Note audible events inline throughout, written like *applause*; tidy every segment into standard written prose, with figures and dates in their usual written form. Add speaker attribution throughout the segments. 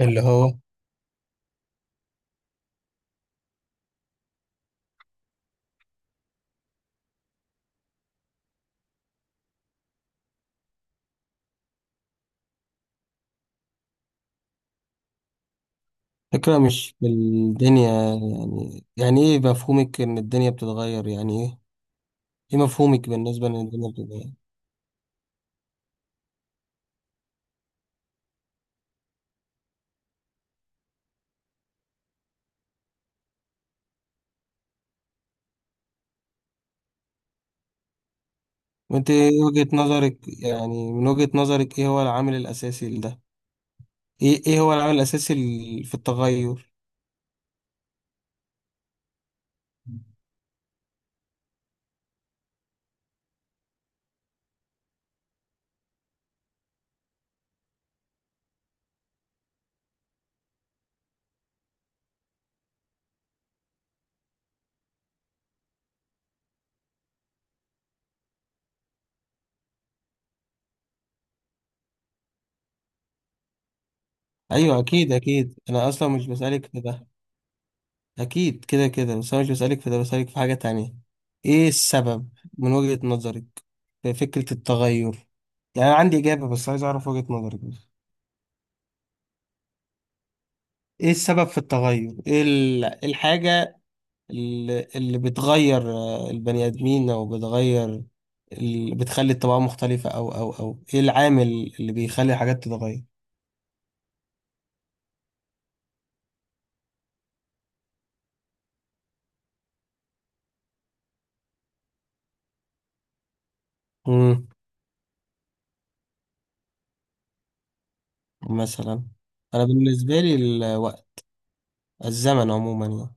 Speaker 1: اللي هو فكرة، مش في الدنيا. يعني ايه مفهومك ان الدنيا بتتغير؟ يعني ايه؟ ايه مفهومك بالنسبة ان الدنيا بتتغير؟ وانت ايه وجهة نظرك؟ يعني من وجهة نظرك ايه هو العامل الاساسي لده؟ ايه هو العامل الاساسي في التغير؟ ايوه، اكيد اكيد، انا اصلا مش بسألك في ده. اكيد كده كده، بس انا مش بسألك في ده، بسألك في حاجة تانية. ايه السبب من وجهة نظرك في فكرة التغير؟ يعني انا عندي اجابة بس عايز اعرف وجهة نظرك. ايه السبب في التغير؟ إيه الحاجة اللي بتغير البني ادمين، او بتغير اللي بتخلي الطباع مختلفة، او ايه العامل اللي بيخلي الحاجات تتغير؟ امم. مثلا؟ انا بالنسبة لي الوقت، الزمن عموما يعني.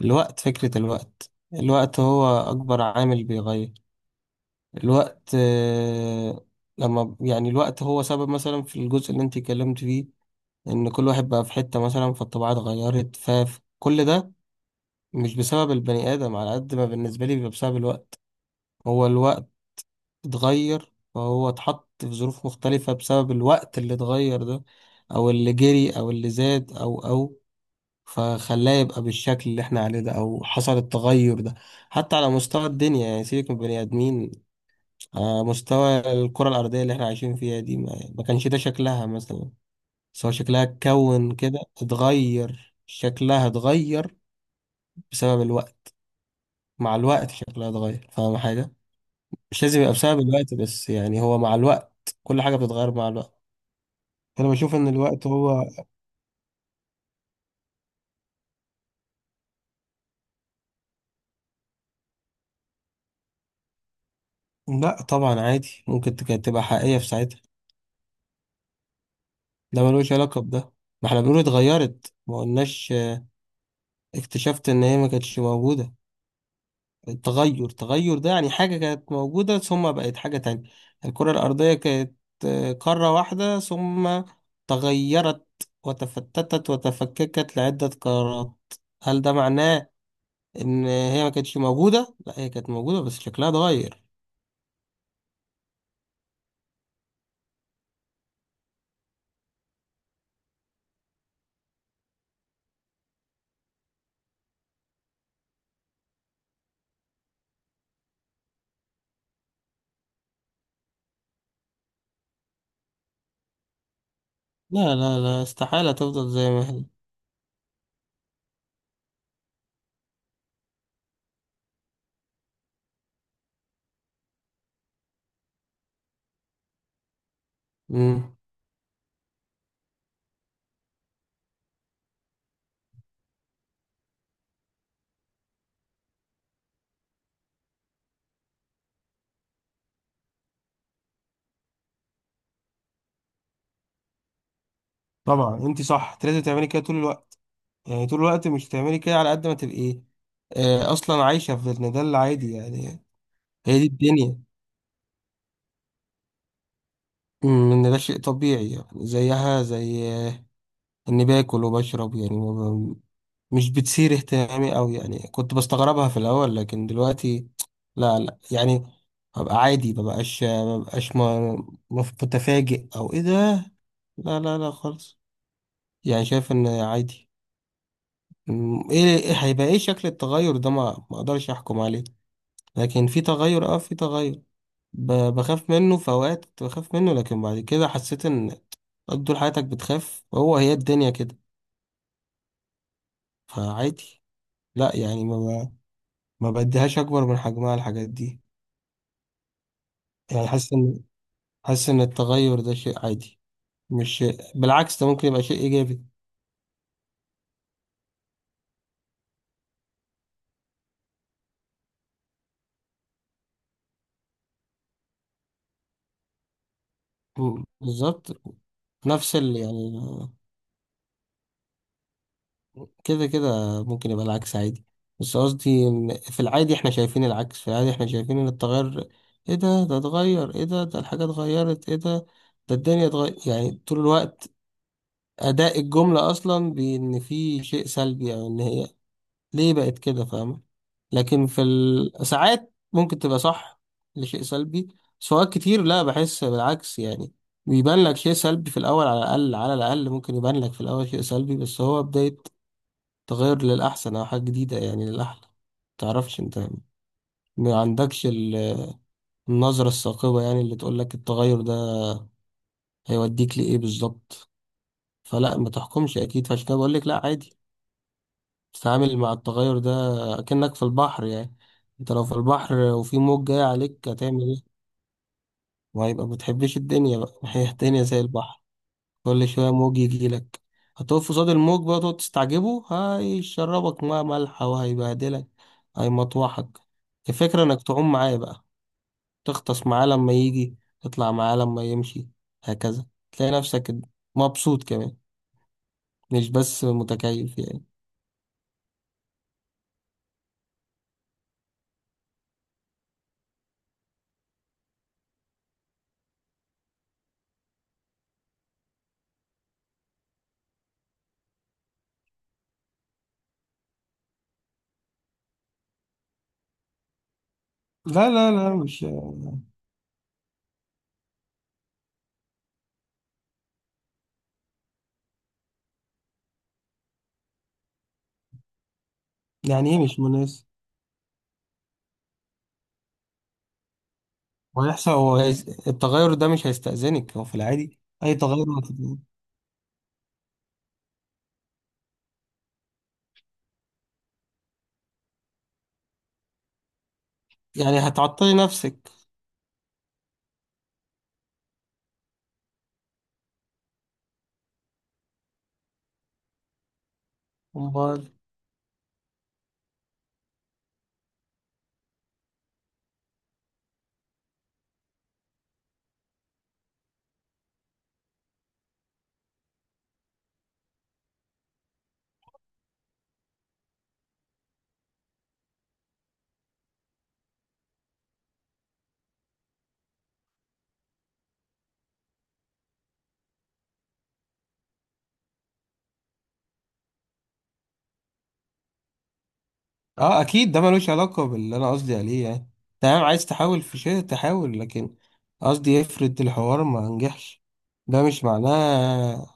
Speaker 1: الوقت، فكرة الوقت هو اكبر عامل بيغير. الوقت. لما يعني الوقت هو سبب، مثلا في الجزء اللي انت اتكلمت فيه، ان كل واحد بقى في حتة، مثلا فالطباع اتغيرت، فكل ده مش بسبب البني آدم على قد ما بالنسبة لي بيبقى بسبب الوقت. هو الوقت اتغير، فهو اتحط في ظروف مختلفة بسبب الوقت اللي اتغير ده، أو اللي جري، أو اللي زاد، أو أو فخلاه يبقى بالشكل اللي احنا عليه ده، أو حصل التغير ده. حتى على مستوى الدنيا، يعني سيبك من البني آدمين، على مستوى الكرة الأرضية اللي احنا عايشين فيها دي، ما كانش ده شكلها مثلا. سواء شكلها اتكون كده، اتغير شكلها، اتغير بسبب الوقت. مع الوقت شكلها اتغير، فاهم حاجة؟ مش لازم يبقى بسبب الوقت بس، يعني هو مع الوقت كل حاجة بتتغير مع الوقت. أنا بشوف إن الوقت هو... لأ طبعا، عادي، ممكن تبقى حقيقية في ساعتها. ده ملوش علاقة بده. ما احنا بنقول اتغيرت، ما قلناش اكتشفت إن هي ما كانتش موجودة. التغير ده يعني حاجة كانت موجودة ثم بقت حاجة تانية. الكرة الأرضية كانت قارة واحدة، ثم تغيرت وتفتتت وتفككت لعدة قارات. هل ده معناه ان هي ما كانتش موجودة؟ لا، هي كانت موجودة بس شكلها اتغير. لا لا لا، استحالة تفضل زي ما هي. مم. طبعا انت صح، انت لازم تعملي كده طول الوقت، يعني طول الوقت. مش تعملي كده على قد ما تبقي اصلا عايشة في ده، ده العادي يعني. هي دي الدنيا. ان ده شيء طبيعي يعني، زيها زي اني باكل وبشرب يعني، مش بتثير اهتمامي أوي. يعني كنت بستغربها في الأول لكن دلوقتي لا لا، يعني ببقى عادي. مبقاش متفاجئ، أو إيه ده. لا لا لا خالص. يعني شايف إن عادي. إيه هيبقى إيه شكل التغير ده، ما أقدرش أحكم عليه. لكن في تغير، أه في تغير ب- بخاف منه. في أوقات كنت بخاف منه، لكن بعد كده حسيت إن طول حياتك بتخاف، هي الدنيا كده. فعادي، لا يعني ما بديهاش أكبر من حجمها الحاجات دي. يعني حاسس ان التغير ده شيء عادي. مش، بالعكس، ده ممكن يبقى شيء ايجابي. بالظبط. نفس ال يعني، كده كده ممكن يبقى العكس، عادي. بس قصدي إن في العادي احنا شايفين العكس. في العادي احنا شايفين ان التغير: ايه ده؟ ده اتغير! ايه ده؟ ده الحاجة اتغيرت! ايه ده؟ ده الدنيا اتغير! يعني طول الوقت اداء الجملة اصلا بان في شيء سلبي، او ان هي ليه بقت كده، فاهمة؟ لكن في ساعات ممكن تبقى صح لشيء سلبي، بس أوقات كتير لا، بحس بالعكس. يعني بيبان لك شيء سلبي في الأول. على الأقل ممكن يبان لك في الأول شيء سلبي بس هو بداية تغير للأحسن، أو حاجة جديدة يعني، للأحلى. متعرفش أنت، ما عندكش النظرة الثاقبة يعني اللي تقول لك التغير ده هيوديك لإيه بالظبط. فلا، ما تحكمش أكيد. فعشان كده بقول لك لا، عادي. تتعامل مع التغير ده كأنك في البحر يعني. انت لو في البحر وفي موج جاي عليك، هتعمل ايه؟ وهيبقى ما بتحبش الدنيا بقى *laughs* هي الدنيا زي البحر، كل شوية موج يجي لك. هتقف قصاد الموج بقى تقعد تستعجبه؟ هيشربك ميه مالحة وهيبهدلك، هيمطوحك. الفكرة انك تعوم معاه بقى، تغطس معاه لما يجي، تطلع معاه لما يمشي، هكذا. تلاقي نفسك مبسوط كمان، مش بس متكيف يعني. لا لا لا، مش. يعني ايه مش مناسب؟ وهيحصل، هو التغير ده مش هيستأذنك، هو في العادي أي تغير يعني هتعطلي نفسك؟ أمال. أه أكيد، ده ملوش علاقة باللي أنا قصدي عليه. يعني تمام، عايز تحاول في شيء، تحاول، لكن قصدي، افرض الحوار ما نجحش، ده مش معناه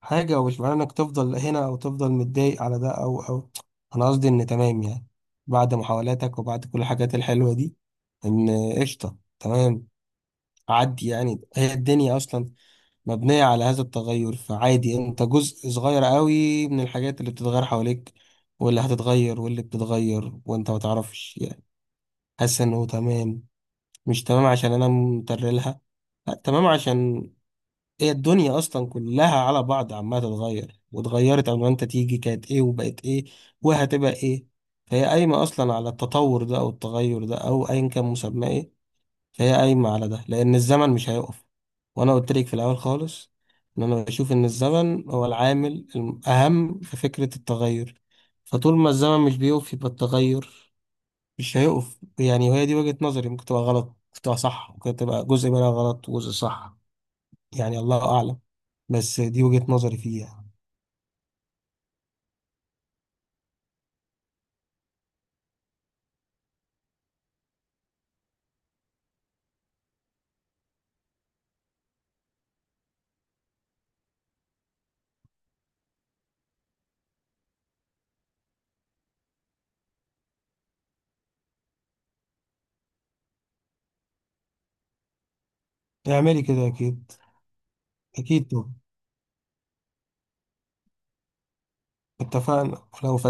Speaker 1: حاجة، ومش معناه إنك تفضل هنا أو تفضل متضايق على ده، أو أو أنا قصدي إن تمام يعني. بعد محاولاتك وبعد كل الحاجات الحلوة دي، إن قشطة، تمام، عدي يعني، هي الدنيا أصلا مبنية على هذا التغير. فعادي، انت جزء صغير قوي من الحاجات اللي بتتغير حواليك واللي هتتغير واللي بتتغير وانت ما تعرفش. يعني حاسس انه تمام، مش تمام عشان انا مترلها، لا تمام عشان هي الدنيا اصلا كلها على بعض عمالة تتغير، واتغيرت قبل ما انت تيجي. كانت ايه وبقت ايه وهتبقى ايه. فهي قايمة اصلا على التطور ده او التغير ده او ايا كان مسماه ايه. هي قايمة على ده لأن الزمن مش هيقف. وأنا قلت لك في الأول خالص إن أنا بشوف إن الزمن هو العامل الأهم في فكرة التغير. فطول ما الزمن مش بيقف، يبقى التغير مش هيقف يعني. وهي دي وجهة نظري. ممكن تبقى غلط، ممكن تبقى صح، ممكن تبقى جزء منها غلط وجزء صح. يعني الله أعلم. بس دي وجهة نظري فيها. اعملي كده أكيد. أكيد طبعا. اتفقنا، ولو